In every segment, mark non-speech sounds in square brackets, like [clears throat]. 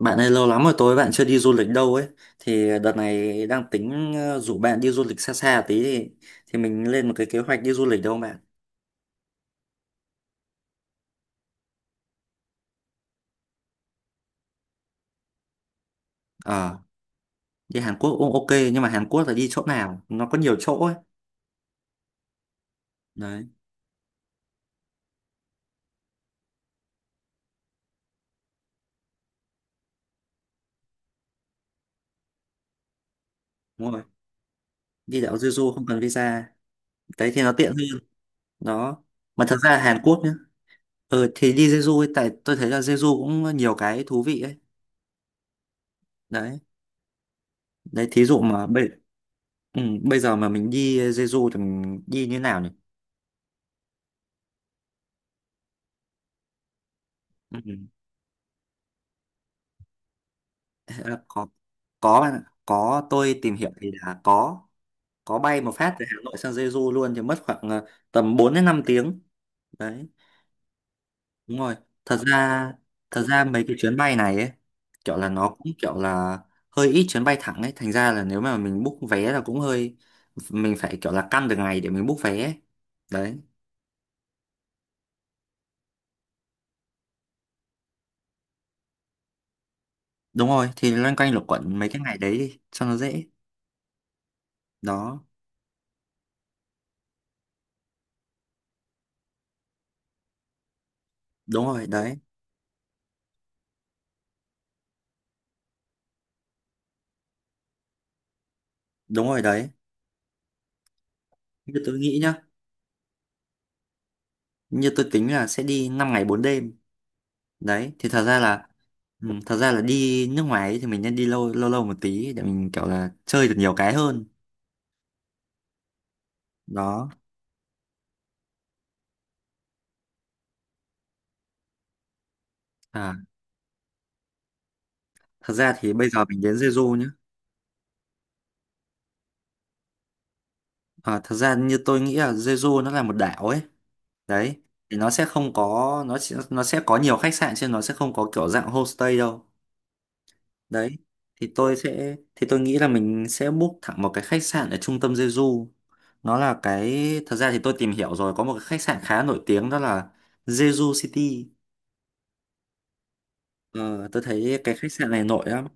Bạn ơi, lâu lắm rồi tối bạn chưa đi du lịch đâu ấy. Thì đợt này đang tính rủ bạn đi du lịch xa xa tí. Thì mình lên một cái kế hoạch đi du lịch đâu không bạn? Ờ, đi Hàn Quốc cũng ok. Nhưng mà Hàn Quốc là đi chỗ nào? Nó có nhiều chỗ ấy. Đấy, đúng rồi. Đi đảo Jeju không cần visa. Đấy thì nó tiện hơn. Đó. Mà thật ra Hàn Quốc nhá. Ừ, thì đi Jeju ấy, tại tôi thấy là Jeju cũng nhiều cái thú vị ấy. Đấy. Đấy, thí dụ mà bây giờ mà mình đi Jeju thì mình đi như nào nhỉ? Ừ. Ờ, có bạn ạ. Có, tôi tìm hiểu thì là có bay một phát từ Hà Nội sang Jeju luôn, thì mất khoảng tầm 4 đến 5 tiếng. Đấy, đúng rồi. Thật ra thật ra mấy cái chuyến bay này ấy kiểu là nó cũng kiểu là hơi ít chuyến bay thẳng ấy, thành ra là nếu mà mình book vé là cũng hơi, mình phải kiểu là căn được ngày để mình book vé ấy. Đấy, đúng rồi, thì loanh quanh luẩn quẩn mấy cái ngày đấy đi cho nó dễ. Đó. Đúng rồi. Đấy, đúng rồi. Đấy, như tôi nghĩ nhá, như tôi tính là sẽ đi 5 ngày 4 đêm. Đấy thì thật ra là đi nước ngoài ấy thì mình nên đi lâu lâu lâu một tí để mình kiểu là chơi được nhiều cái hơn. Đó. À, thật ra thì bây giờ mình đến Jeju nhé. À, thật ra như tôi nghĩ là Jeju nó là một đảo ấy. Đấy thì nó sẽ không có, nó sẽ có nhiều khách sạn chứ nó sẽ không có kiểu dạng homestay đâu. Đấy thì tôi nghĩ là mình sẽ book thẳng một cái khách sạn ở trung tâm Jeju. Nó là cái Thật ra thì tôi tìm hiểu rồi, có một cái khách sạn khá nổi tiếng, đó là Jeju City. Ờ, tôi thấy cái khách sạn này nổi lắm,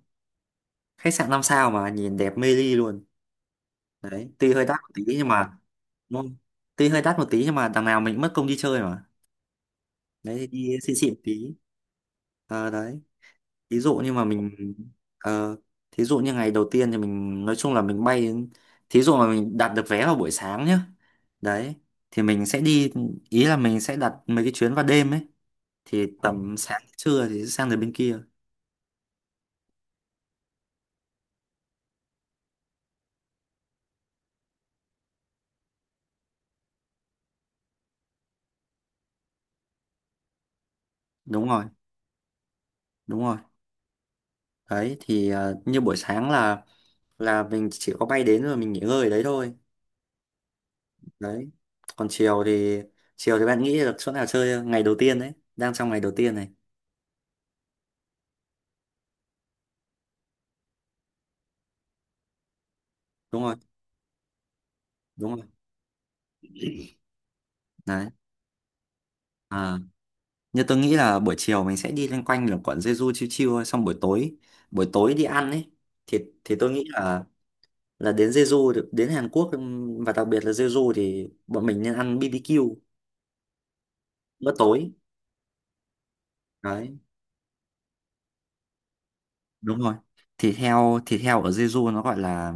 khách sạn 5 sao mà nhìn đẹp mê ly luôn. Đấy, tuy hơi đắt một tí nhưng mà, đúng không? Tuy hơi đắt một tí nhưng mà đằng nào mình cũng mất công đi chơi mà. Đấy thì đi xịn xịn một tí. Ờ, đấy, ví dụ như mà mình ờ, thí dụ như ngày đầu tiên thì mình nói chung là thí dụ mà mình đặt được vé vào buổi sáng nhá. Đấy thì mình sẽ đi ý là mình sẽ đặt mấy cái chuyến vào đêm ấy, thì tầm sáng trưa thì sẽ sang đến bên kia. Đúng rồi, đúng rồi. Đấy thì như buổi sáng là mình chỉ có bay đến rồi mình nghỉ ngơi ở đấy thôi. Đấy, còn chiều thì bạn nghĩ được chỗ nào chơi không? Ngày đầu tiên đấy, đang trong ngày đầu tiên này. Đúng rồi, đúng rồi. Đấy, à, như tôi nghĩ là buổi chiều mình sẽ đi loanh quanh là quận Jeju chiêu chiêu thôi, xong buổi tối đi ăn ấy. Thì tôi nghĩ là đến Hàn Quốc, và đặc biệt là Jeju thì bọn mình nên ăn BBQ bữa tối. Đấy, đúng rồi. Thịt heo ở Jeju nó gọi là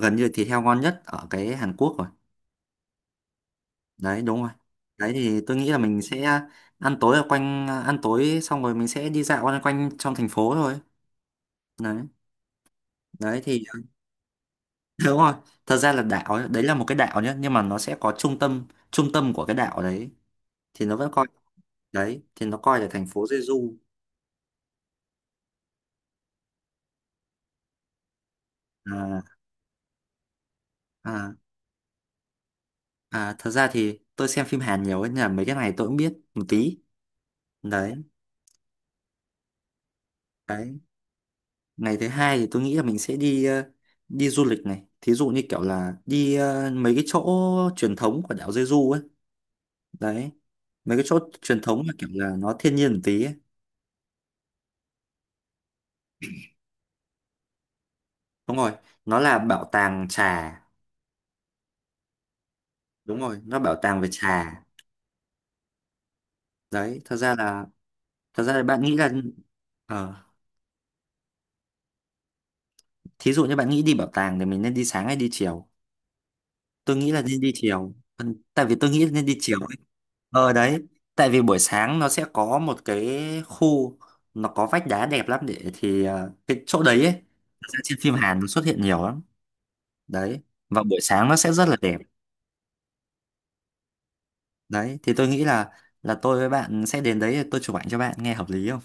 gần như thịt heo ngon nhất ở cái Hàn Quốc rồi. Đấy, đúng rồi. Đấy thì tôi nghĩ là mình sẽ ăn tối xong rồi mình sẽ đi dạo quanh quanh trong thành phố thôi. Đấy. Đấy thì [laughs] đúng rồi, thật ra là đảo ấy, đấy là một cái đảo nhé, nhưng mà nó sẽ có trung tâm của cái đảo đấy. thì nó vẫn coi thì nó coi là thành phố Jeju. À, à, à, thật ra thì tôi xem phim Hàn nhiều ấy, nên là mấy cái này tôi cũng biết một tí. Đấy. Đấy, ngày thứ hai thì tôi nghĩ là mình sẽ đi đi du lịch này. Thí dụ như kiểu là đi mấy cái chỗ truyền thống của đảo Jeju ấy. Đấy. Mấy cái chỗ truyền thống là kiểu là nó thiên nhiên một tí ấy. Đúng rồi. Nó là bảo tàng trà. Đúng rồi, nó bảo tàng về trà. Đấy, thật ra là bạn nghĩ là ờ, thí dụ như bạn nghĩ đi bảo tàng thì mình nên đi sáng hay đi chiều? Tôi nghĩ là nên đi chiều. Ừ, tại vì tôi nghĩ là nên đi chiều. Ờ đấy, tại vì buổi sáng nó sẽ có một cái khu, nó có vách đá đẹp lắm, để thì cái chỗ đấy ấy, thật ra trên phim Hàn nó xuất hiện nhiều lắm. Đấy, và buổi sáng nó sẽ rất là đẹp. Đấy, thì tôi nghĩ là tôi với bạn sẽ đến đấy, tôi chụp ảnh cho bạn, nghe hợp lý không?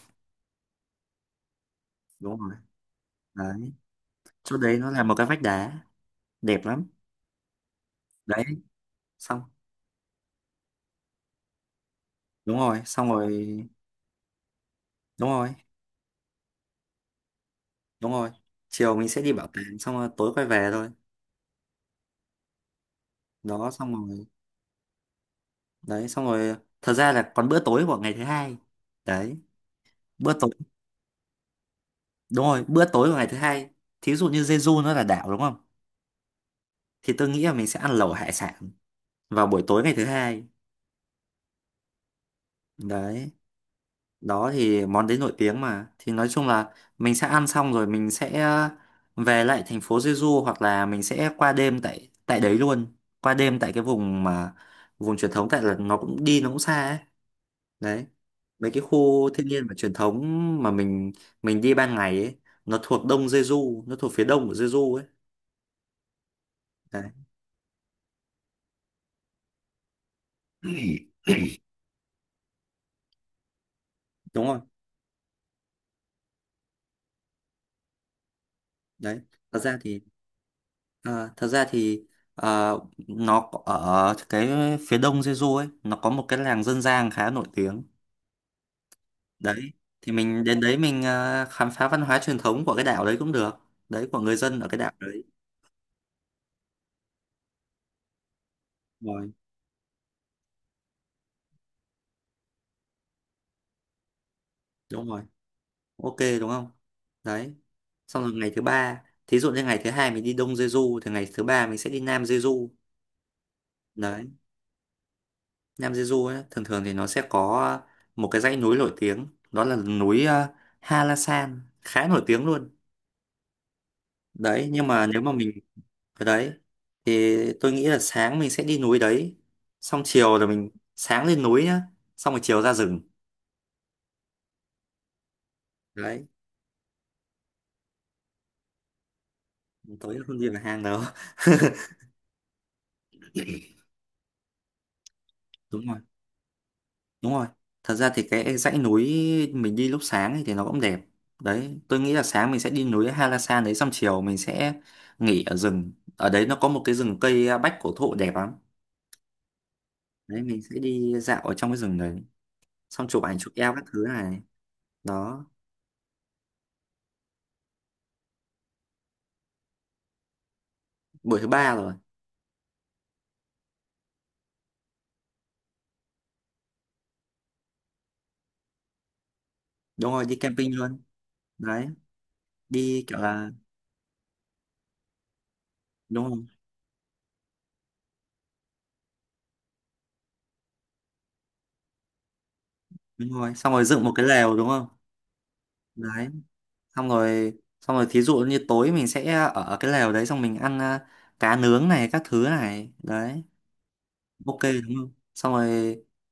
Đúng rồi. Đấy, chỗ đấy nó là một cái vách đá đẹp lắm. Đấy, xong. Đúng rồi, xong rồi. Đúng rồi, đúng rồi. Chiều mình sẽ đi bảo tàng xong rồi tối quay về thôi. Đó, xong rồi. Đấy, xong rồi. Thật ra là còn bữa tối của ngày thứ hai. Đấy, bữa tối. Đúng rồi, bữa tối của ngày thứ hai. Thí dụ như Jeju nó là đảo đúng không, thì tôi nghĩ là mình sẽ ăn lẩu hải sản vào buổi tối ngày thứ hai. Đấy. Đó thì món đấy nổi tiếng mà, thì nói chung là mình sẽ ăn xong rồi mình sẽ về lại thành phố Jeju, hoặc là mình sẽ qua đêm tại tại đấy luôn. Qua đêm tại cái vùng truyền thống, tại là nó cũng xa ấy. Đấy, mấy cái khu thiên nhiên và truyền thống mà mình đi ban ngày ấy, nó thuộc phía đông của Jeju ấy. Đấy. [clears throat] Đúng rồi. Đấy, thật ra thì thật ra thì à, ở cái phía đông Jeju ấy, nó có một cái làng dân gian khá nổi tiếng. Đấy, thì mình đến đấy, mình khám phá văn hóa truyền thống của cái đảo đấy cũng được, đấy, của người dân ở cái đảo đấy. Rồi. Đúng rồi. Ok, đúng không? Đấy, xong rồi, ngày thứ ba. Thí dụ như ngày thứ hai mình đi Đông Jeju thì ngày thứ ba mình sẽ đi Nam Jeju. Đấy. Nam Jeju ấy, thường thường thì nó sẽ có một cái dãy núi nổi tiếng, đó là núi Halasan, khá nổi tiếng luôn. Đấy, nhưng mà nếu mà mình ở đấy thì tôi nghĩ là sáng mình sẽ đi núi đấy, xong chiều là mình, sáng lên núi nhá, xong rồi chiều ra rừng. Đấy, tối không đi vào hang đâu. [laughs] Đúng, đúng rồi. Thật ra thì cái dãy núi mình đi lúc sáng ấy thì nó cũng đẹp. Đấy, tôi nghĩ là sáng mình sẽ đi núi Halasan đấy, xong chiều mình sẽ nghỉ ở rừng. Ở đấy nó có một cái rừng cây bách cổ thụ đẹp lắm. Đấy, mình sẽ đi dạo ở trong cái rừng đấy, xong chụp ảnh chụp eo các thứ này. Đó, buổi thứ ba rồi. Đúng rồi, đi camping luôn. Đấy, đi kiểu là đúng rồi, đúng rồi. Xong rồi dựng một cái lều đúng không? Đấy, xong rồi xong rồi thí dụ như tối mình sẽ ở cái lều đấy, xong mình ăn cá nướng này các thứ này. Đấy. Ok, đúng không? xong rồi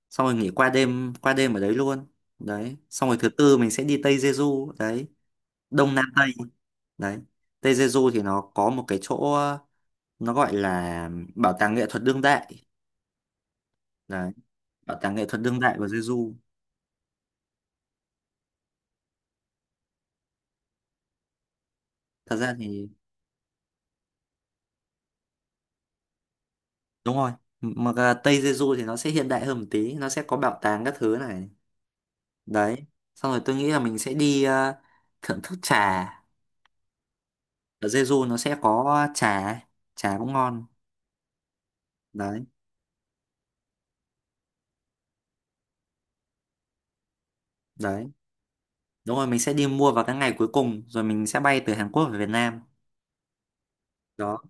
xong rồi nghỉ qua đêm ở đấy luôn. Đấy, xong rồi thứ tư mình sẽ đi Tây Jeju. Đấy, Đông, Nam, Tây. Đấy, Tây Jeju thì nó có một cái chỗ, nó gọi là bảo tàng nghệ thuật đương đại. Đấy, bảo tàng nghệ thuật đương đại của Jeju. Thật ra thì đúng rồi, mà cả Tây Jeju thì nó sẽ hiện đại hơn một tí, nó sẽ có bảo tàng các thứ này. Đấy, xong rồi tôi nghĩ là mình sẽ đi thưởng thức trà, ở Jeju nó sẽ có trà, trà cũng ngon. Đấy. Đấy, đúng rồi. Mình sẽ đi mua vào các ngày cuối cùng, rồi mình sẽ bay từ Hàn Quốc về Việt Nam. Đó.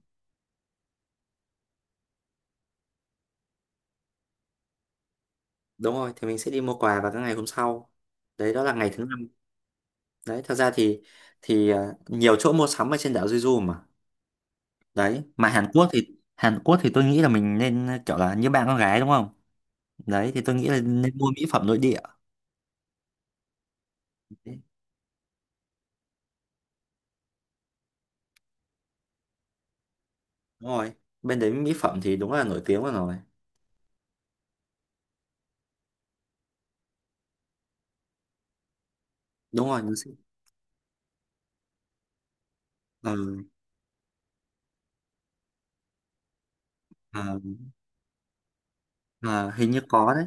Đúng rồi, thì mình sẽ đi mua quà vào các ngày hôm sau. Đấy, đó là ngày thứ năm. Đấy, thật ra thì nhiều chỗ mua sắm ở trên đảo Jeju mà. Đấy, mà Hàn Quốc thì tôi nghĩ là mình nên kiểu là như bạn con gái đúng không? Đấy thì tôi nghĩ là nên mua mỹ phẩm nội địa. Đấy, đúng rồi. Bên đấy mỹ phẩm thì đúng là nổi tiếng rồi. Đúng rồi, ờ, ờ, ờ, hình như có đấy.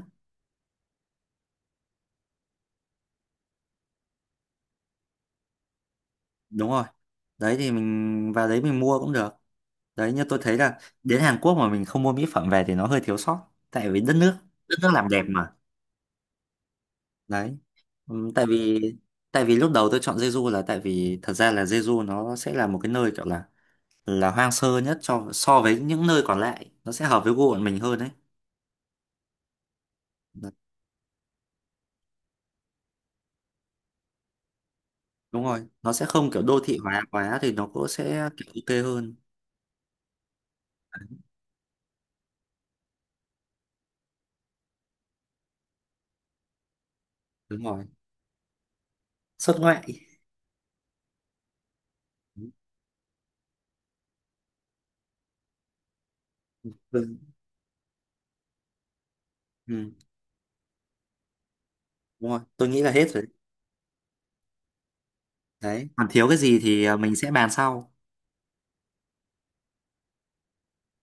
Đúng rồi, đấy thì mình vào đấy mình mua cũng được. Đấy, như tôi thấy là đến Hàn Quốc mà mình không mua mỹ phẩm về thì nó hơi thiếu sót, tại vì đất nước làm đẹp mà. Đấy. Ừm, tại vì tại vì lúc đầu tôi chọn Jeju là tại vì thật ra là Jeju nó sẽ là một cái nơi kiểu là hoang sơ nhất cho so với những nơi còn lại, nó sẽ hợp với gu bọn mình hơn đấy. Đấy, đúng rồi, nó sẽ không kiểu đô thị hóa quá thì nó cũng sẽ kiểu ok hơn. Đúng rồi, xuất ngoại. Ừ. Ừ. Đúng rồi, tôi nghĩ là hết rồi. Đấy, còn thiếu cái gì thì mình sẽ bàn sau.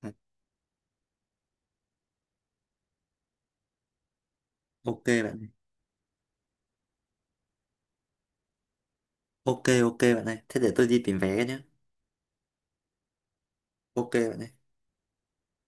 Đấy, ok bạn. Ok, ok bạn ơi, thế để tôi đi tìm vé nhé. Ok bạn ơi.